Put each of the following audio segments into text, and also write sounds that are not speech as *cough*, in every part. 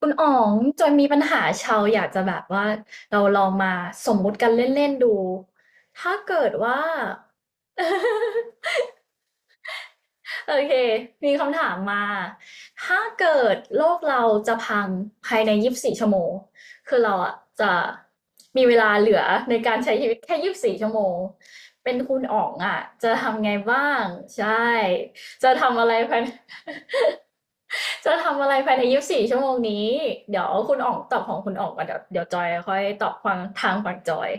คุณอ๋องจอยมีปัญหาเชาวอยากจะแบบว่าเราลองมาสมมุติกันเล่นๆดูถ้าเกิดว่า *laughs* โอเคมีคำถามมาถ้าเกิดโลกเราจะพังภายในยี่สิบสี่ชั่วโมงคือเราอะจะมีเวลาเหลือในการใช้ชีวิตแค่ยี่สิบสี่ชั่วโมงเป็นคุณอ๋องอะจะทำไงบ้างใช่จะทำอะไรภายใน จะทำอะไรภายในยี่สิบสี่ชั่วโมงนี้ เดี๋ยวคุณออกตอบของคุณออกก่อนเดี๋ยวเดี๋ยวจอยค่อยตอบฟังทางฝั่งจอย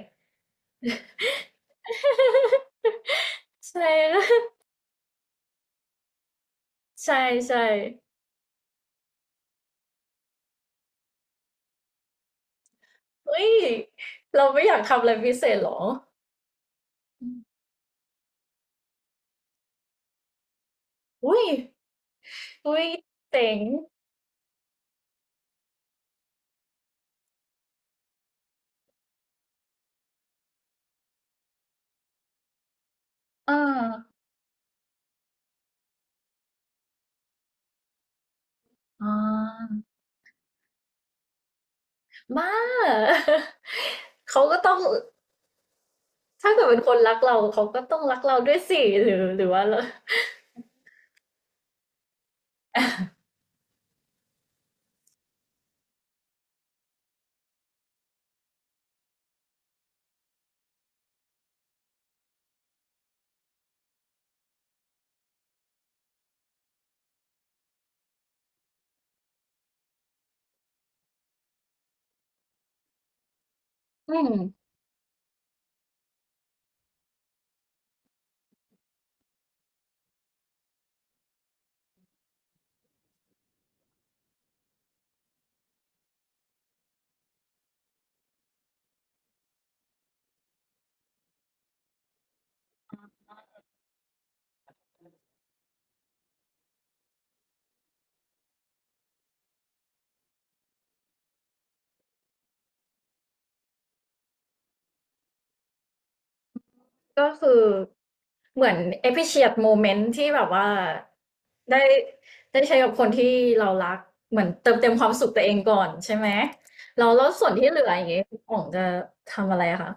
ใช่ใช่ใช่เฮ้ยเราไม่อยากทำอะไรพิเศษหรออุ้ยอุ้ยเจ๋งอ่าอ่ามาเขาก็ต้องถ้าเกิดเป็นคนรักเราเขาก็ต้องรักเราด้วยสิหรือหรือว่าเราอืม ก็คือเหมือน appreciate moment ที่แบบว่าได้ได้ใช้กับคนที่เรารักเหมือนเติมเต็มความสุขตัวเองก่อนใช่ไหมแล้วแล้วส่วนที่เหลืออย่างเงี้ยคุณอ๋องจะทำอะไรอะคะ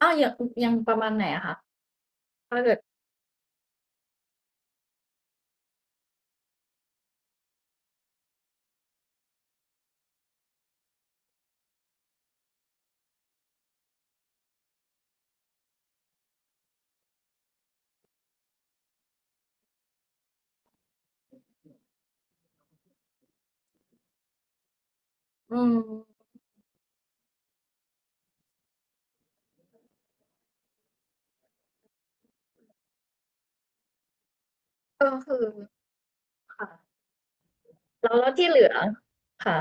อ้าวยังยังประมาณไหนอะคะถ้าเกิดอืมก็คือค่ะแล้วแล้วที่เหลือค่ะ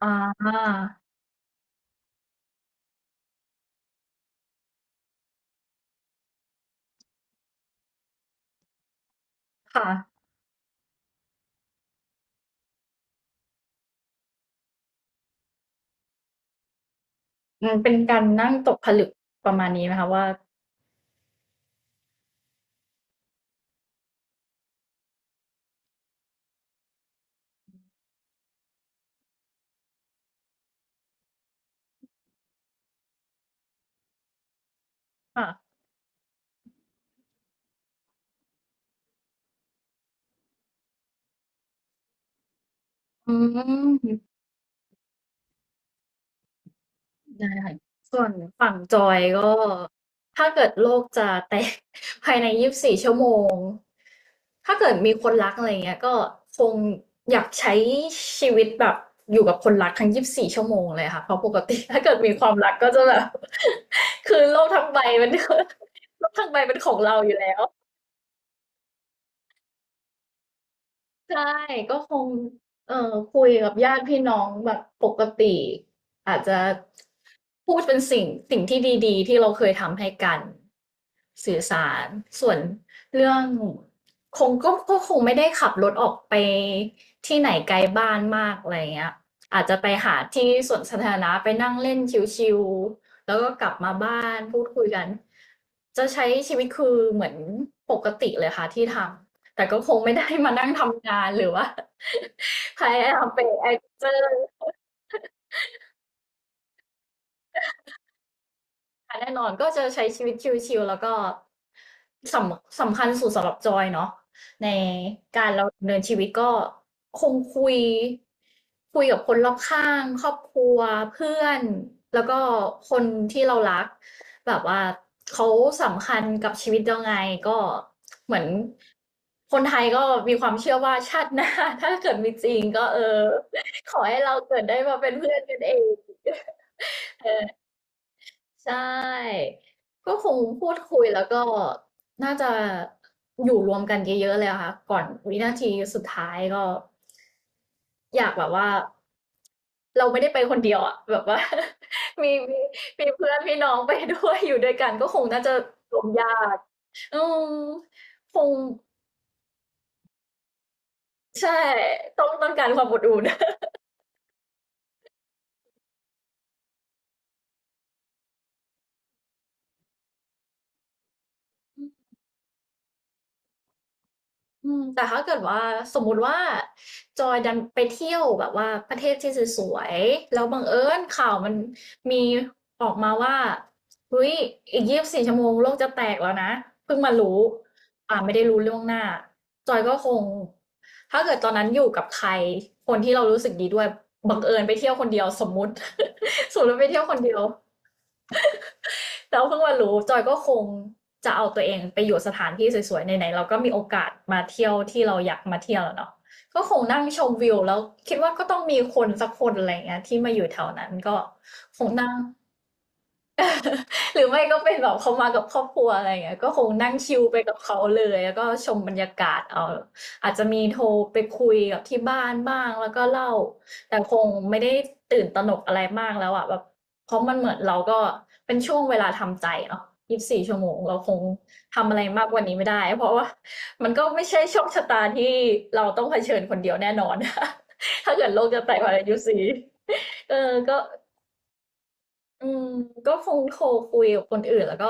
อ่าค่ะอืมเป็นการนั่งตกผลึกประมาณนี้ไหมคะว่าค่ะอืม ได้ค่ะส่วนฝั่งจอยก็ถ้าเกิดโลกจะแตก *laughs* ภายในยี่สิบสี่ชั่วโมงถ้าเกิดมีคนรักอะไรเงี้ยก็คงอยากใช้ชีวิตแบบอยู่กับคนรักทั้งยี่สิบสี่ชั่วโมงเลยค่ะเพราะปกติ *laughs* ถ้าเกิดมีความรักก็จะแบบ *laughs* คือโลกทั้งใบมัน *laughs* โลกทั้งใบเป็นของเราอยู่แล้ว ใช่ ก็คงเอ่อคุยกับญาติพี่น้องแบบปกติอาจจะพูดเป็นสิ่ง สิ่งที่ดีๆ ที่เราเคยทำให้กัน สื่อสาร ส่วนเรื่องคงก็ก็คงไม่ได้ขับรถออกไปที่ไหนไกลบ้านมากอะไรอย่างเงี้ยอาจจะไปหาที่สวนสาธารณะไปนั่งเล่นชิลๆแล้วก็กลับมาบ้านพูดคุยกัน จะใช้ชีวิตคือเหมือนปกติเลยค่ะที่ทำ แต่ก็คงไม่ได้มานั่งทำงานหรือว่า *laughs* พยายามเป็น actor ค่ะแน่นอนก็จะใช้ชีวิตชิลๆแล้วก็สำสำคัญสุดสำหรับจอยเนาะในการเราดำเนินชีวิตก็คงคุยคุยกับคนรอบข้างครอบครัวเพื่อนแล้วก็คนที่เรารักแบบว่าเขาสำคัญกับชีวิตยังไงก็เหมือนคนไทยก็มีความเชื่อว่าชาติหน้า *laughs* ถ้าเกิดมีจริงก็เออขอให้เราเกิดได้มาเป็นเพื่อนกันเอง ใช่ ก็คงพูดคุยแล้วก็น่าจะอยู่รวมกันเยอะๆเลยอะค่ะก่อนวินาทีสุดท้ายก็อยากแบบว่าเราไม่ได้ไปคนเดียวอะแบบว่า *laughs* มีมีมีเพื่อนพี่น้องไปด้วยอยู่ด้วยกันก็คงน่าจะรวมญาติอืมคงใช่ต้องต้องการความอบอุ่น อืมแต่ถ้าเกิดว่าสมมุติว่าจอยดันไปเที่ยวแบบว่าประเทศที่สวยๆแล้วบังเอิญข่าวมันมีออกมาว่าเฮ้ยอีก24ชั่วโมงโลกจะแตกแล้วนะเพิ่งมารู้อ่าไม่ได้รู้ล่วงหน้าจอยก็คงถ้าเกิดตอนนั้นอยู่กับใครคนที่เรารู้สึกดีด้วยบังเอิญไปเที่ยวคนเดียวสมมุติ *laughs* สมมติว่าไปเที่ยวคนเดียว แต่วาเพิ่งมารู้จอยก็คงจะเอาตัวเองไปอยู่สถานที่สวยๆไหนๆเราก็มีโอกาสมาเที่ยวที่เราอยากมาเที่ยวแล้วเนาะก็คงนั่งชมวิวแล้วคิดว่าก็ต้องมีคนสักคนอะไรเงี้ยที่มาอยู่แถวนั้นก็คงนั่ง *laughs* หรือไม่ก็เป็นแบบเขามากับครอบครัวอะไรอย่างเงี้ยก็คงนั่งชิลไปกับเขาเลยแล้วก็ชมบรรยากาศเอาอาจจะมีโทรไปคุยกับที่บ้านบ้างแล้วก็เล่าแต่คงไม่ได้ตื่นตระหนกอะไรมากแล้วอะแบบเพราะมันเหมือนเราก็เป็นช่วงเวลาทำใจเนาะยี่สิบสี่ชั่วโมงเราคงทำอะไรมากกว่านี้ไม่ได้เพราะว่ามันก็ไม่ใช่โชคชะตาที่เราต้องเผชิญคนเดียวแน่นอน *laughs* ถ้าเกิดโลกจะแตกภายในยุคสบสี่เออก็ อืมก็คงโทรคุยกับคนอื่นแล้วก็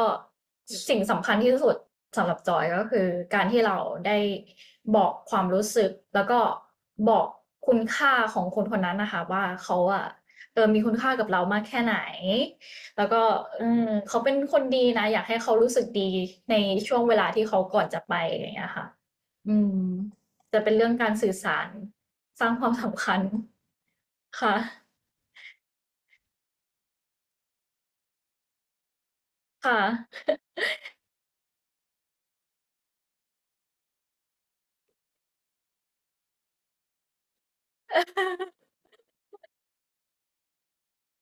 สิ่งสำคัญที่สุดสำหรับจอยก็คือการที่เราได้บอกความรู้สึกแล้วก็บอกคุณค่าของคนคนนั้นนะคะว่าเขาอะเออมีคุณค่ากับเรามากแค่ไหนแล้วก็เออเขาเป็นคนดีนะอยากให้เขารู้สึกดีในช่วงเวลาที่เขาก่อนจะไปอย่างเงี้ยค่ะอืมจะเป็นเรื่องการสื่อสารสร้างความสำคัญค่ะค่ะ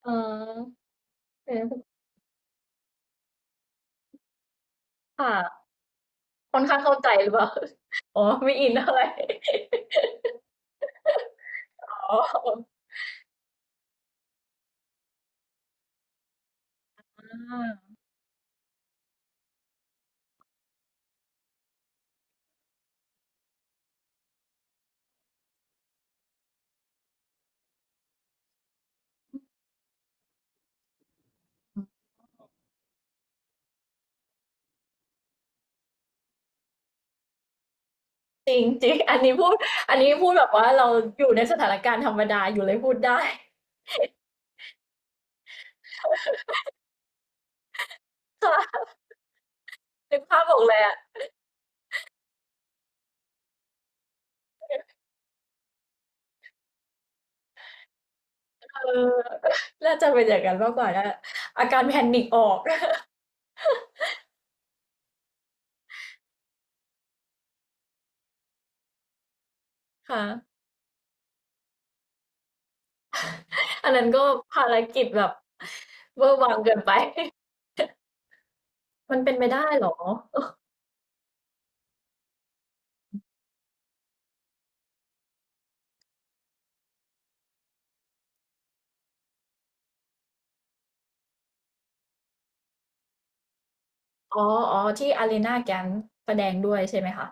*laughs* เออ ค่ะค่อนข้างเข้าใจหรือเปล่า *laughs* อ๋อไม่อินเท่าไหร่ *laughs* อ๋ออาจริงจริงอันนี้พูดอันนี้พูดแบบว่าเราอยู่ในสถานการณ์ธรรมดาอยู่เลยพูดได้ *laughs* ค่ะนึกภาพออกเลยอะเออ *laughs* น่าจะเป็นอย่างนั้นมากกว่านะอาการแพนิกออก *laughs* ค่ะอันนั้นก็ภารกิจแบบเวอร์วังเกินไป *laughs* มันเป็นไปได้เหรออ๋ออ๋อที่ a า i ี n a g ก a n d e แสดงด้วยใช่ไหมคะ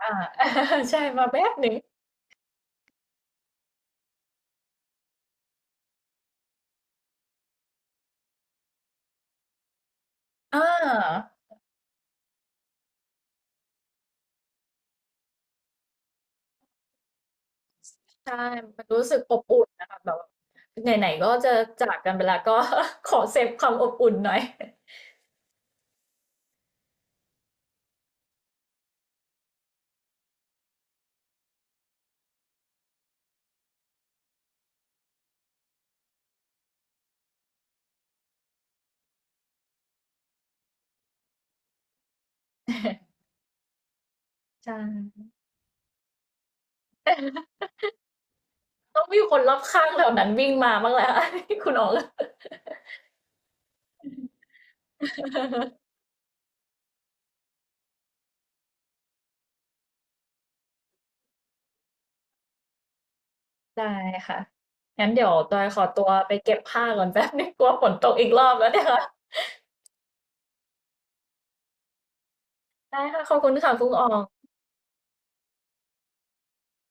อา *laughs* ใช่มาแป๊บหนึ่งอา ใช่ มันรู้สึกอบอุ่นนะคะแบบว่าไหนๆก็จะจากกันไปแล้วก็ *laughs* ขอเซฟความอบอุ่นหน่อย ใช่ ต้องมีคนรอบข้างแถวนั้นวิ่งมาบ้างแหล้ว *laughs* คุณอ๋อง *laughs* ได้ค่ะงั้นเดี๋ยวจอยขอตัวไปเก็บผ้าก่อนแป๊บนึ่งกลัวฝนตกอีกรอบแล้วเนี่ยค่ะได้ค่ะขอบคุณค่ะคุณอ๋อง